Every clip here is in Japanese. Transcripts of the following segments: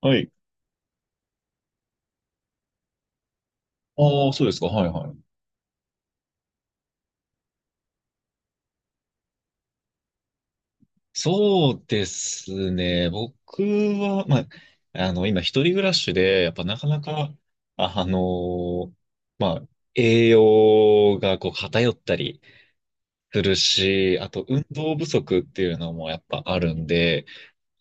はい。ああ、そうですか。はいはい。そうですね。僕は、まあ、今一人暮らしで、やっぱなかなか、あの、まあ、栄養がこう偏ったりするし、あと運動不足っていうのもやっぱあるんで、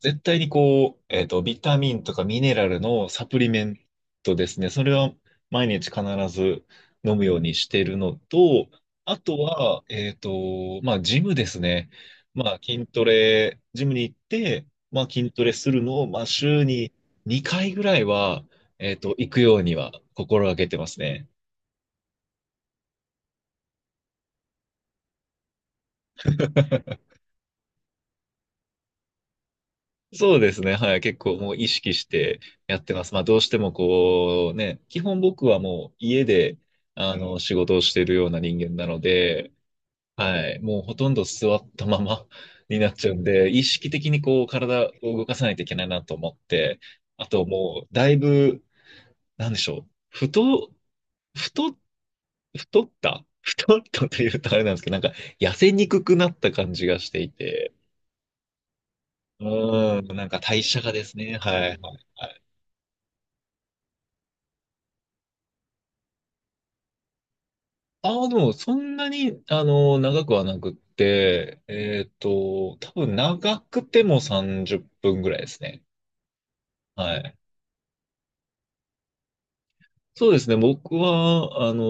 絶対にこう、ビタミンとかミネラルのサプリメントですね。それは毎日必ず飲むようにしてるのと、あとは、まあ、ジムですね。まあ、筋トレ、ジムに行って、まあ、筋トレするのを、まあ、週に2回ぐらいは、行くようには心がけてますね。そうですね。はい。結構もう意識してやってます。まあどうしてもこうね、基本僕はもう家であの仕事をしているような人間なので、はい。もうほとんど座ったまま になっちゃうんで、意識的にこう体を動かさないといけないなと思って、あともうだいぶ、なんでしょう。太、太った太ったというとあれなんですけど、なんか痩せにくくなった感じがしていて、うん、なんか代謝がですね、はい。はい。ああ、でも、そんなに、長くはなくって、多分長くても30分ぐらいですね。はい。そうですね。僕は、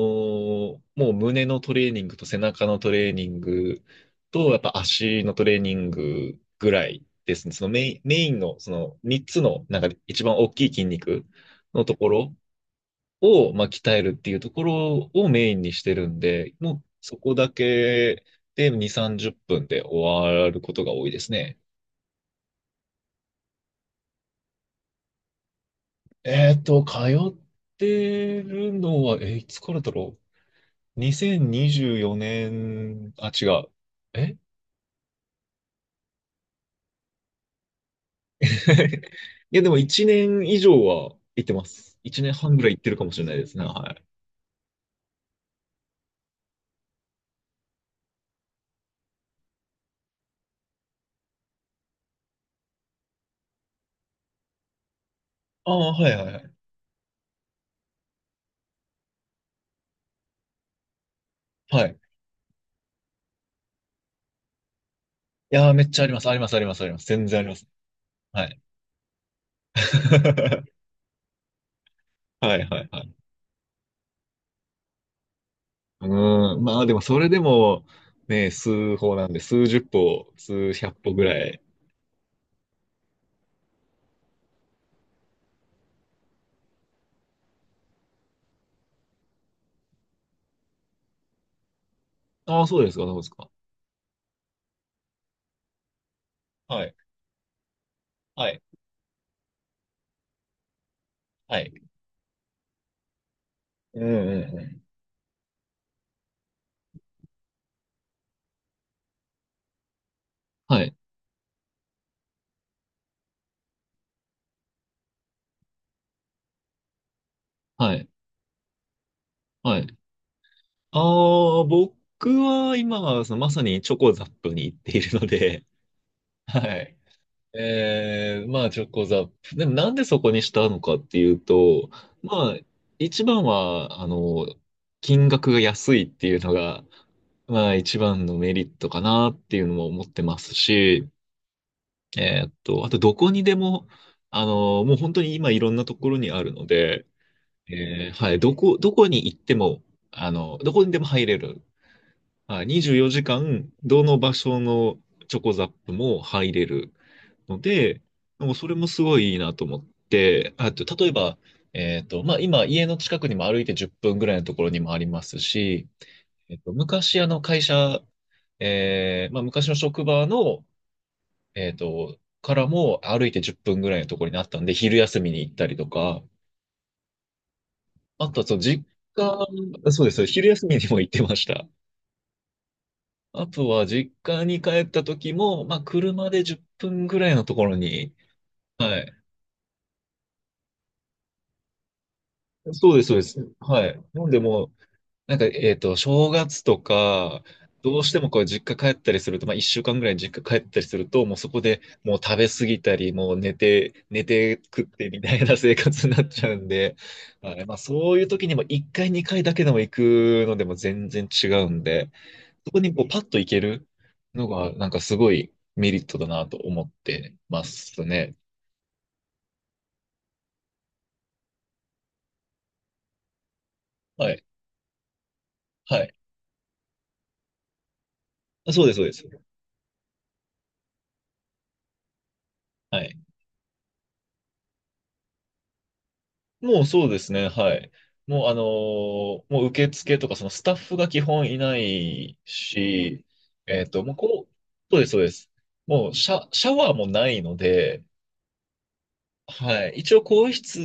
もう胸のトレーニングと背中のトレーニングと、やっぱ足のトレーニングぐらいですね。そのメインの、その3つの、なんか一番大きい筋肉のところを、まあ、鍛えるっていうところをメインにしてるんで、もうそこだけで2、30分で終わることが多いですね。通ってるのは、いつからだろう。2024年、あ、違う。え いや、でも1年以上は行ってます。1年半ぐらい行ってるかもしれないですね。はい。ああ、はいはいはい。はい。いやー、めっちゃあります。あります、あります、あります。全然あります。はい。はいはいはい。うん、まあでもそれでも、ね、数歩なんで、数十歩、数百歩ぐらい。ああ、そうですか、そうですか。はい。はい、はい。うんうんうん。はい、はい、はい。ああ、僕は今、そのまさにチョコザップに行っているので、はい。ええまあ、チョコザップ。でも、なんでそこにしたのかっていうと、まあ、一番は、金額が安いっていうのが、まあ、一番のメリットかなっていうのも思ってますし、あと、どこにでも、もう本当に今いろんなところにあるので、はい、どこに行っても、どこにでも入れる。はい、24時間、どの場所のチョコザップも入れる。ので、もうそれもすごいいいなと思って、あと、例えば、まあ、今、家の近くにも歩いて10分ぐらいのところにもありますし、昔、会社、まあ、昔の職場の、からも歩いて10分ぐらいのところにあったんで、昼休みに行ったりとか、あとは、その、実家、そうです、昼休みにも行ってました。あとは、実家に帰った時も、まあ、車で10分ぐらいのところに、はい。そうです、そうです。はい。なんでもうなんか、正月とか、どうしてもこう実家帰ったりすると、まあ一週間ぐらい実家帰ったりすると、もうそこでもう食べ過ぎたり、もう寝て食ってみたいな生活になっちゃうんで、あれ、まあそういう時にも一回二回だけでも行くのでも全然違うんで、そこにこうパッと行けるのが、なんかすごいメリットだなと思ってますね。はい。はい。あそうです、そうです。はい。もうそうですね、はい。もうもう受付とかそのスタッフが基本いないし、もうこう、そうです、そうです。もうシャワーもないので、はい。一応、更衣室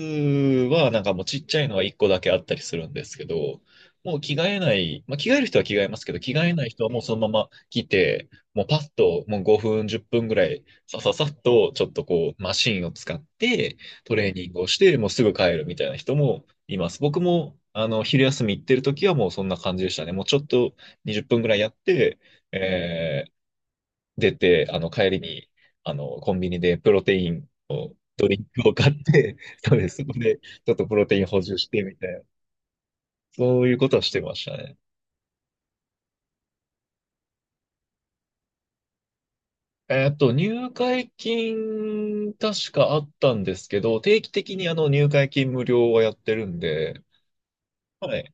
は、なんかもうちっちゃいのは1個だけあったりするんですけど、もう着替えない、まあ、着替える人は着替えますけど、着替えない人はもうそのまま来て、もうパッと、もう5分、10分ぐらい、さささっと、ちょっとこう、マシンを使って、トレーニングをして、もうすぐ帰るみたいな人もいます。僕も、昼休み行ってる時はもうそんな感じでしたね。もうちょっと20分ぐらいやって、え出て、帰りに、コンビニでプロテインを、ドリンクを買って、そうです。そこで、ちょっとプロテイン補充してみたいな、そういうことはしてましたね。入会金、確かあったんですけど、定期的に入会金無料はやってるんで、はい。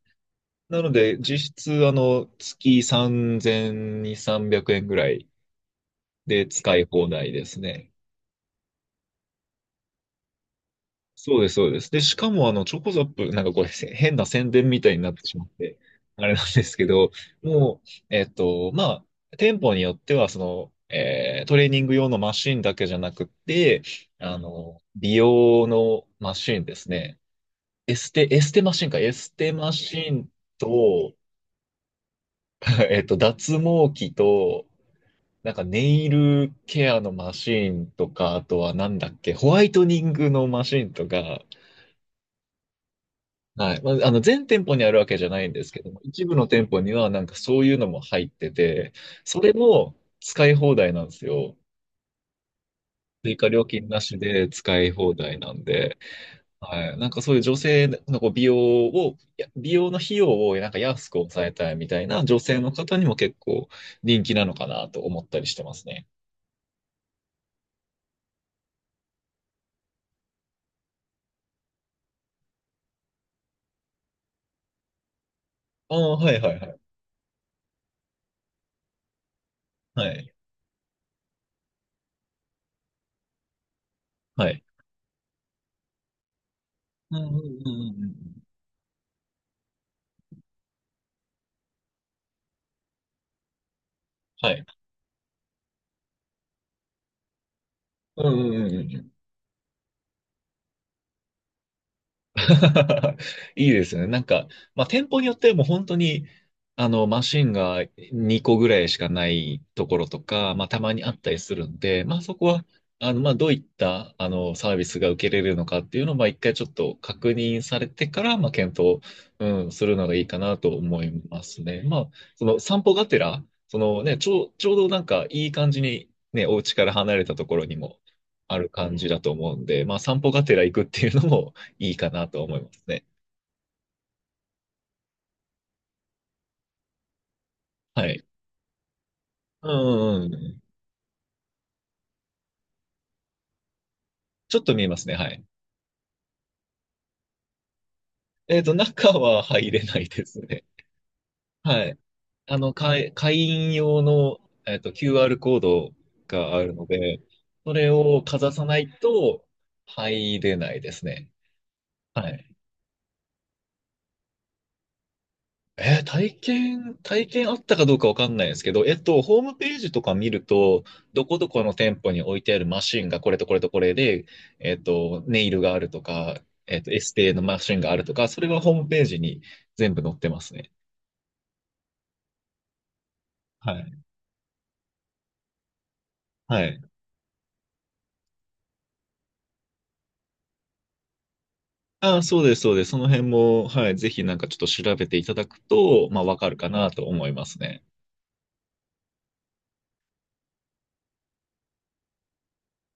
なので、実質、月3200、300円ぐらいで使い放題ですね。そうです、そうです。で、しかも、チョコザップ、なんかこれ、変な宣伝みたいになってしまって、あれなんですけど、もう、まあ、店舗によっては、その、トレーニング用のマシンだけじゃなくて、美容のマシンですね。エステマシンか、エステマシンと、脱毛器と、なんかネイルケアのマシンとか、あとはなんだっけ、ホワイトニングのマシンとか、はい。まあ、全店舗にあるわけじゃないんですけども、一部の店舗にはなんかそういうのも入ってて、それも使い放題なんですよ。追加料金なしで使い放題なんで、はい。なんかそういう女性のこう美容を、いや美容の費用をなんか安く抑えたいみたいな女性の方にも結構人気なのかなと思ったりしてますね。ああ、はいはいはい。はい。はい。うんうんうんうんうん。はい。うんうんうんうん いいですよね。なんか、まあ、店舗によってはもう本当に、マシンが2個ぐらいしかないところとか、まあ、たまにあったりするんで、まあ、そこは、まあ、どういった、サービスが受けれるのかっていうのを、まあ、一回ちょっと確認されてから、まあ、検討、うん、するのがいいかなと思いますね。まあ、その散歩がてら、ちょうどなんかいい感じに、ね、お家から離れたところにもある感じだと思うんで、まあ、散歩がてら行くっていうのも、いいかなと思いますね。はい。うんうんうん。ちょっと見えますね。はい。中は入れないですね。はい。会員用の、QR コードがあるので、それをかざさないと入れないですね。はい。体験あったかどうかわかんないですけど、ホームページとか見ると、どこどこの店舗に置いてあるマシンがこれとこれとこれで、ネイルがあるとか、エステのマシンがあるとか、それはホームページに全部載ってますね。はい。はい。ああ、そうです、そうです。その辺も、はい、ぜひなんかちょっと調べていただくと、まあ、わかるかなと思いますね。